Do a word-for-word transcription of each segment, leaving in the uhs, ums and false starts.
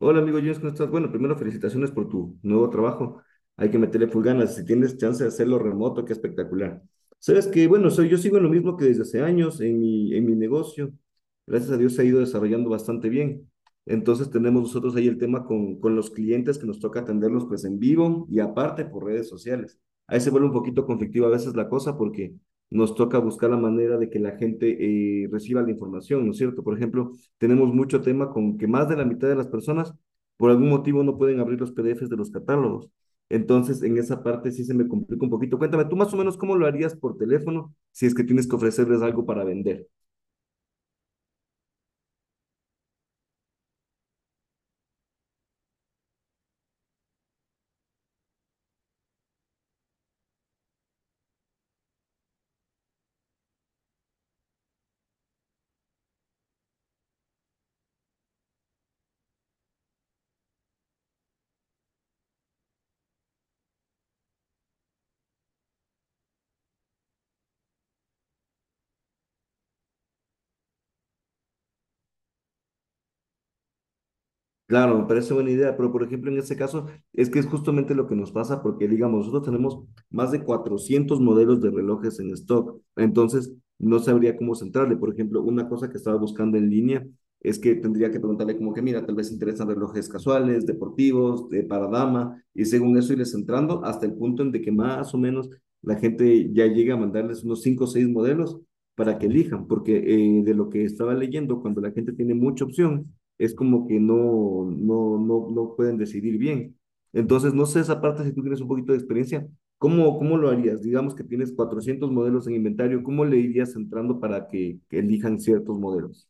Hola amigo James, ¿cómo estás? Bueno, primero felicitaciones por tu nuevo trabajo. Hay que meterle full ganas. Si tienes chance de hacerlo remoto, qué espectacular. Sabes que, bueno, soy, yo sigo en lo mismo que desde hace años en mi, en mi negocio. Gracias a Dios se ha ido desarrollando bastante bien. Entonces tenemos nosotros ahí el tema con, con los clientes que nos toca atenderlos pues en vivo y aparte por redes sociales. Ahí se vuelve un poquito conflictiva a veces la cosa porque nos toca buscar la manera de que la gente eh, reciba la información, ¿no es cierto? Por ejemplo, tenemos mucho tema con que más de la mitad de las personas por algún motivo no pueden abrir los P D Fs de los catálogos. Entonces, en esa parte sí se me complica un poquito. Cuéntame, tú más o menos cómo lo harías por teléfono si es que tienes que ofrecerles algo para vender. Claro, me parece buena idea, pero por ejemplo en ese caso es que es justamente lo que nos pasa porque digamos, nosotros tenemos más de cuatrocientos modelos de relojes en stock, entonces no sabría cómo centrarle. Por ejemplo, una cosa que estaba buscando en línea es que tendría que preguntarle como que, mira, tal vez interesan relojes casuales, deportivos, de para dama, y según eso irles centrando hasta el punto en de que más o menos la gente ya llega a mandarles unos cinco o seis modelos para que elijan, porque eh, de lo que estaba leyendo, cuando la gente tiene mucha opción, es como que no, no, no, no pueden decidir bien. Entonces, no sé esa parte, si tú tienes un poquito de experiencia, ¿cómo, cómo lo harías? Digamos que tienes cuatrocientos modelos en inventario, ¿cómo le irías entrando para que, que elijan ciertos modelos?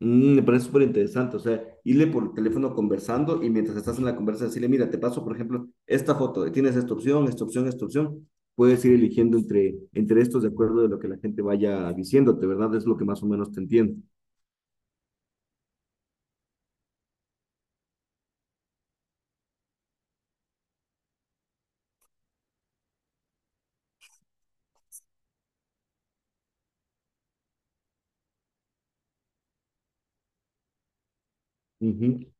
Mm, me parece súper interesante, o sea, irle por teléfono conversando y mientras estás en la conversa decirle, mira, te paso, por ejemplo, esta foto, tienes esta opción, esta opción, esta opción, puedes ir eligiendo entre, entre estos de acuerdo de lo que la gente vaya diciéndote, ¿verdad? Es lo que más o menos te entiendo. Ujú.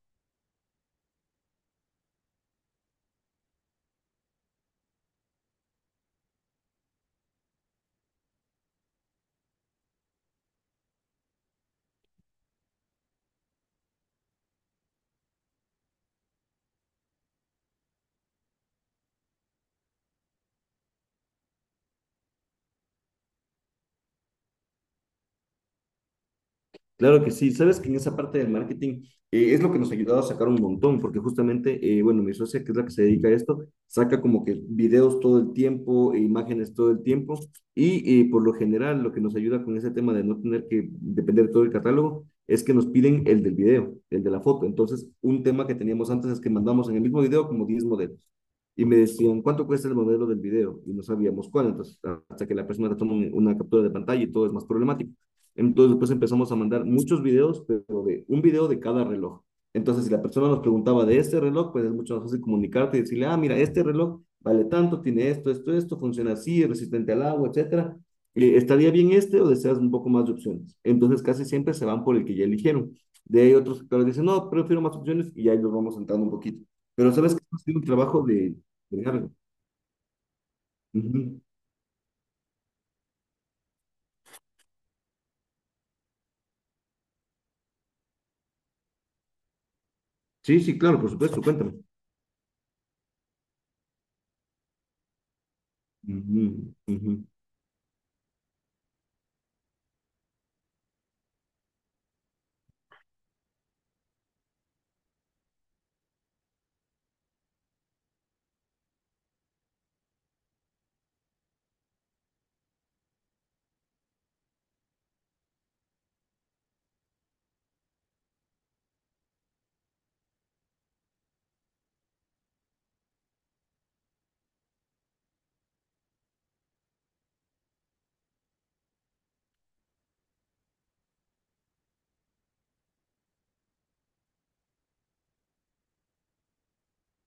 Claro que sí, sabes que en esa parte del marketing eh, es lo que nos ha ayudado a sacar un montón, porque justamente, eh, bueno, mi socia, que es la que se dedica a esto, saca como que videos todo el tiempo, e imágenes todo el tiempo, y eh, por lo general lo que nos ayuda con ese tema de no tener que depender de todo el catálogo es que nos piden el del video, el de la foto. Entonces, un tema que teníamos antes es que mandamos en el mismo video como diez modelos. Y me decían, ¿cuánto cuesta el modelo del video? Y no sabíamos cuál. Entonces, hasta que la persona toma un- una captura de pantalla y todo es más problemático. Entonces, después empezamos a mandar muchos videos, pero de un video de cada reloj. Entonces, si la persona nos preguntaba de este reloj, pues es mucho más fácil comunicarte y decirle, ah, mira, este reloj vale tanto, tiene esto, esto, esto, funciona así, es resistente al agua, etcétera. Eh, ¿Estaría bien este o deseas un poco más de opciones? Entonces, casi siempre se van por el que ya eligieron. De ahí otros que dicen, no, prefiero más opciones y ya los vamos sentando un poquito. Pero sabes que ha sido un trabajo de, de largo. Ujú. Sí, sí, claro, por supuesto, cuéntame. Ujú, ujú,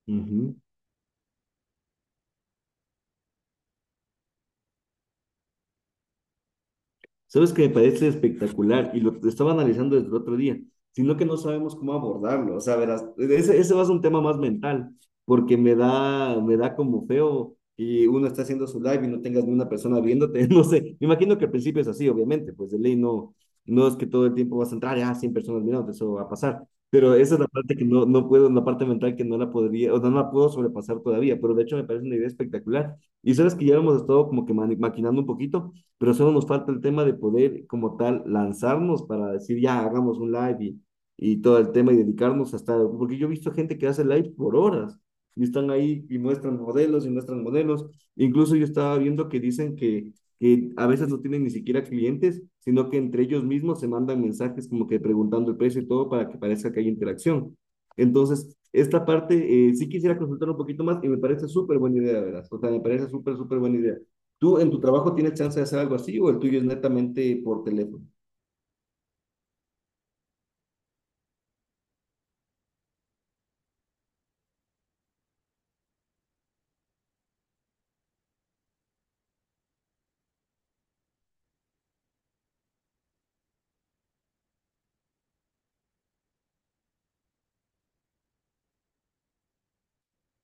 ujú. ¿Sabes que me parece espectacular? Y lo estaba analizando desde el otro día, sino que no sabemos cómo abordarlo. O sea, verás, ese, ese va a ser un tema más mental, porque me da, me da como feo y uno está haciendo su live y no tengas ni una persona viéndote. No sé, me imagino que al principio es así, obviamente, pues de ley no, no es que todo el tiempo vas a entrar y ah, cien personas mirándote, eso va a pasar. Pero esa es la parte que no, no puedo, la parte mental que no la podría, o no la puedo sobrepasar todavía, pero de hecho me parece una idea espectacular. Y sabes que ya lo hemos estado como que mani- maquinando un poquito pero solo nos falta el tema de poder como tal lanzarnos para decir, ya, hagamos un live y, y todo el tema y dedicarnos hasta, porque yo he visto gente que hace live por horas y están ahí y muestran modelos y muestran modelos. Incluso yo estaba viendo que dicen que, que a veces no tienen ni siquiera clientes, sino que entre ellos mismos se mandan mensajes como que preguntando el precio y todo para que parezca que hay interacción. Entonces, esta parte eh, sí quisiera consultar un poquito más y me parece súper buena idea, ¿verdad? O sea, me parece súper, súper buena idea. ¿Tú en tu trabajo tienes chance de hacer algo así o el tuyo es netamente por teléfono?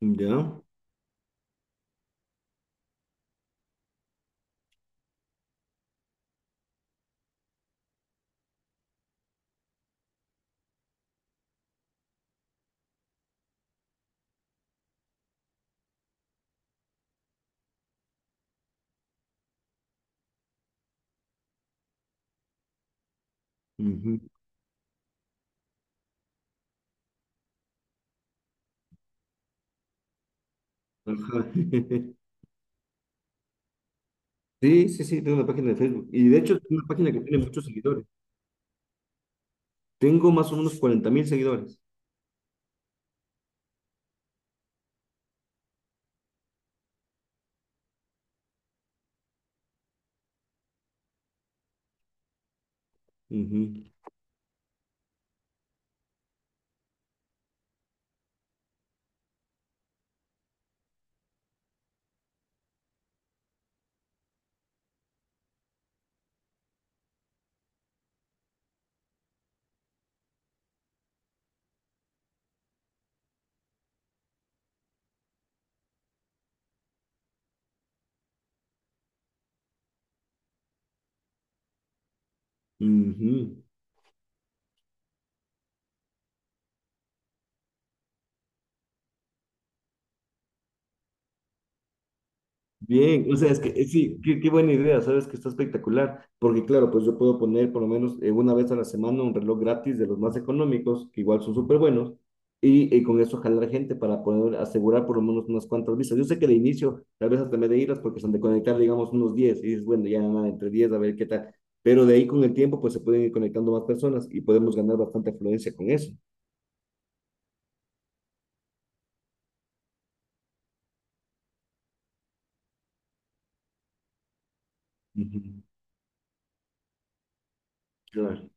Ya. Ujú. Ajá. Sí, sí, sí, tengo una página de Facebook. Y de hecho es una página que tiene muchos seguidores. Tengo más o menos cuarenta mil seguidores. Ujú. Ujú. Bien, o sea, es que eh, sí, qué, qué buena idea, sabes que está espectacular, porque claro, pues yo puedo poner por lo menos eh, una vez a la semana un reloj gratis de los más económicos, que igual son súper buenos, y, y con eso jalar gente para poder asegurar por lo menos unas cuantas vistas. Yo sé que de inicio tal vez hasta me de iras porque son de conectar, digamos, unos diez y dices, bueno, ya nada, entre diez a ver qué tal, pero de ahí con el tiempo pues se pueden ir conectando más personas y podemos ganar bastante afluencia con eso. Ujú. Claro.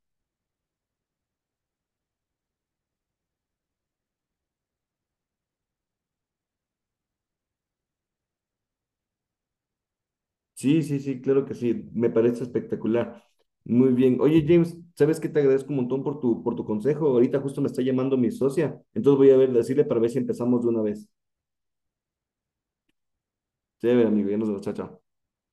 Sí, sí, sí, claro que sí. Me parece espectacular. Muy bien. Oye, James, ¿sabes qué? Te agradezco un montón por tu, por tu consejo. Ahorita justo me está llamando mi socia. Entonces voy a ver, decirle para ver si empezamos de una vez. Chévere, amigo. Ya nos vemos. Chao, chao.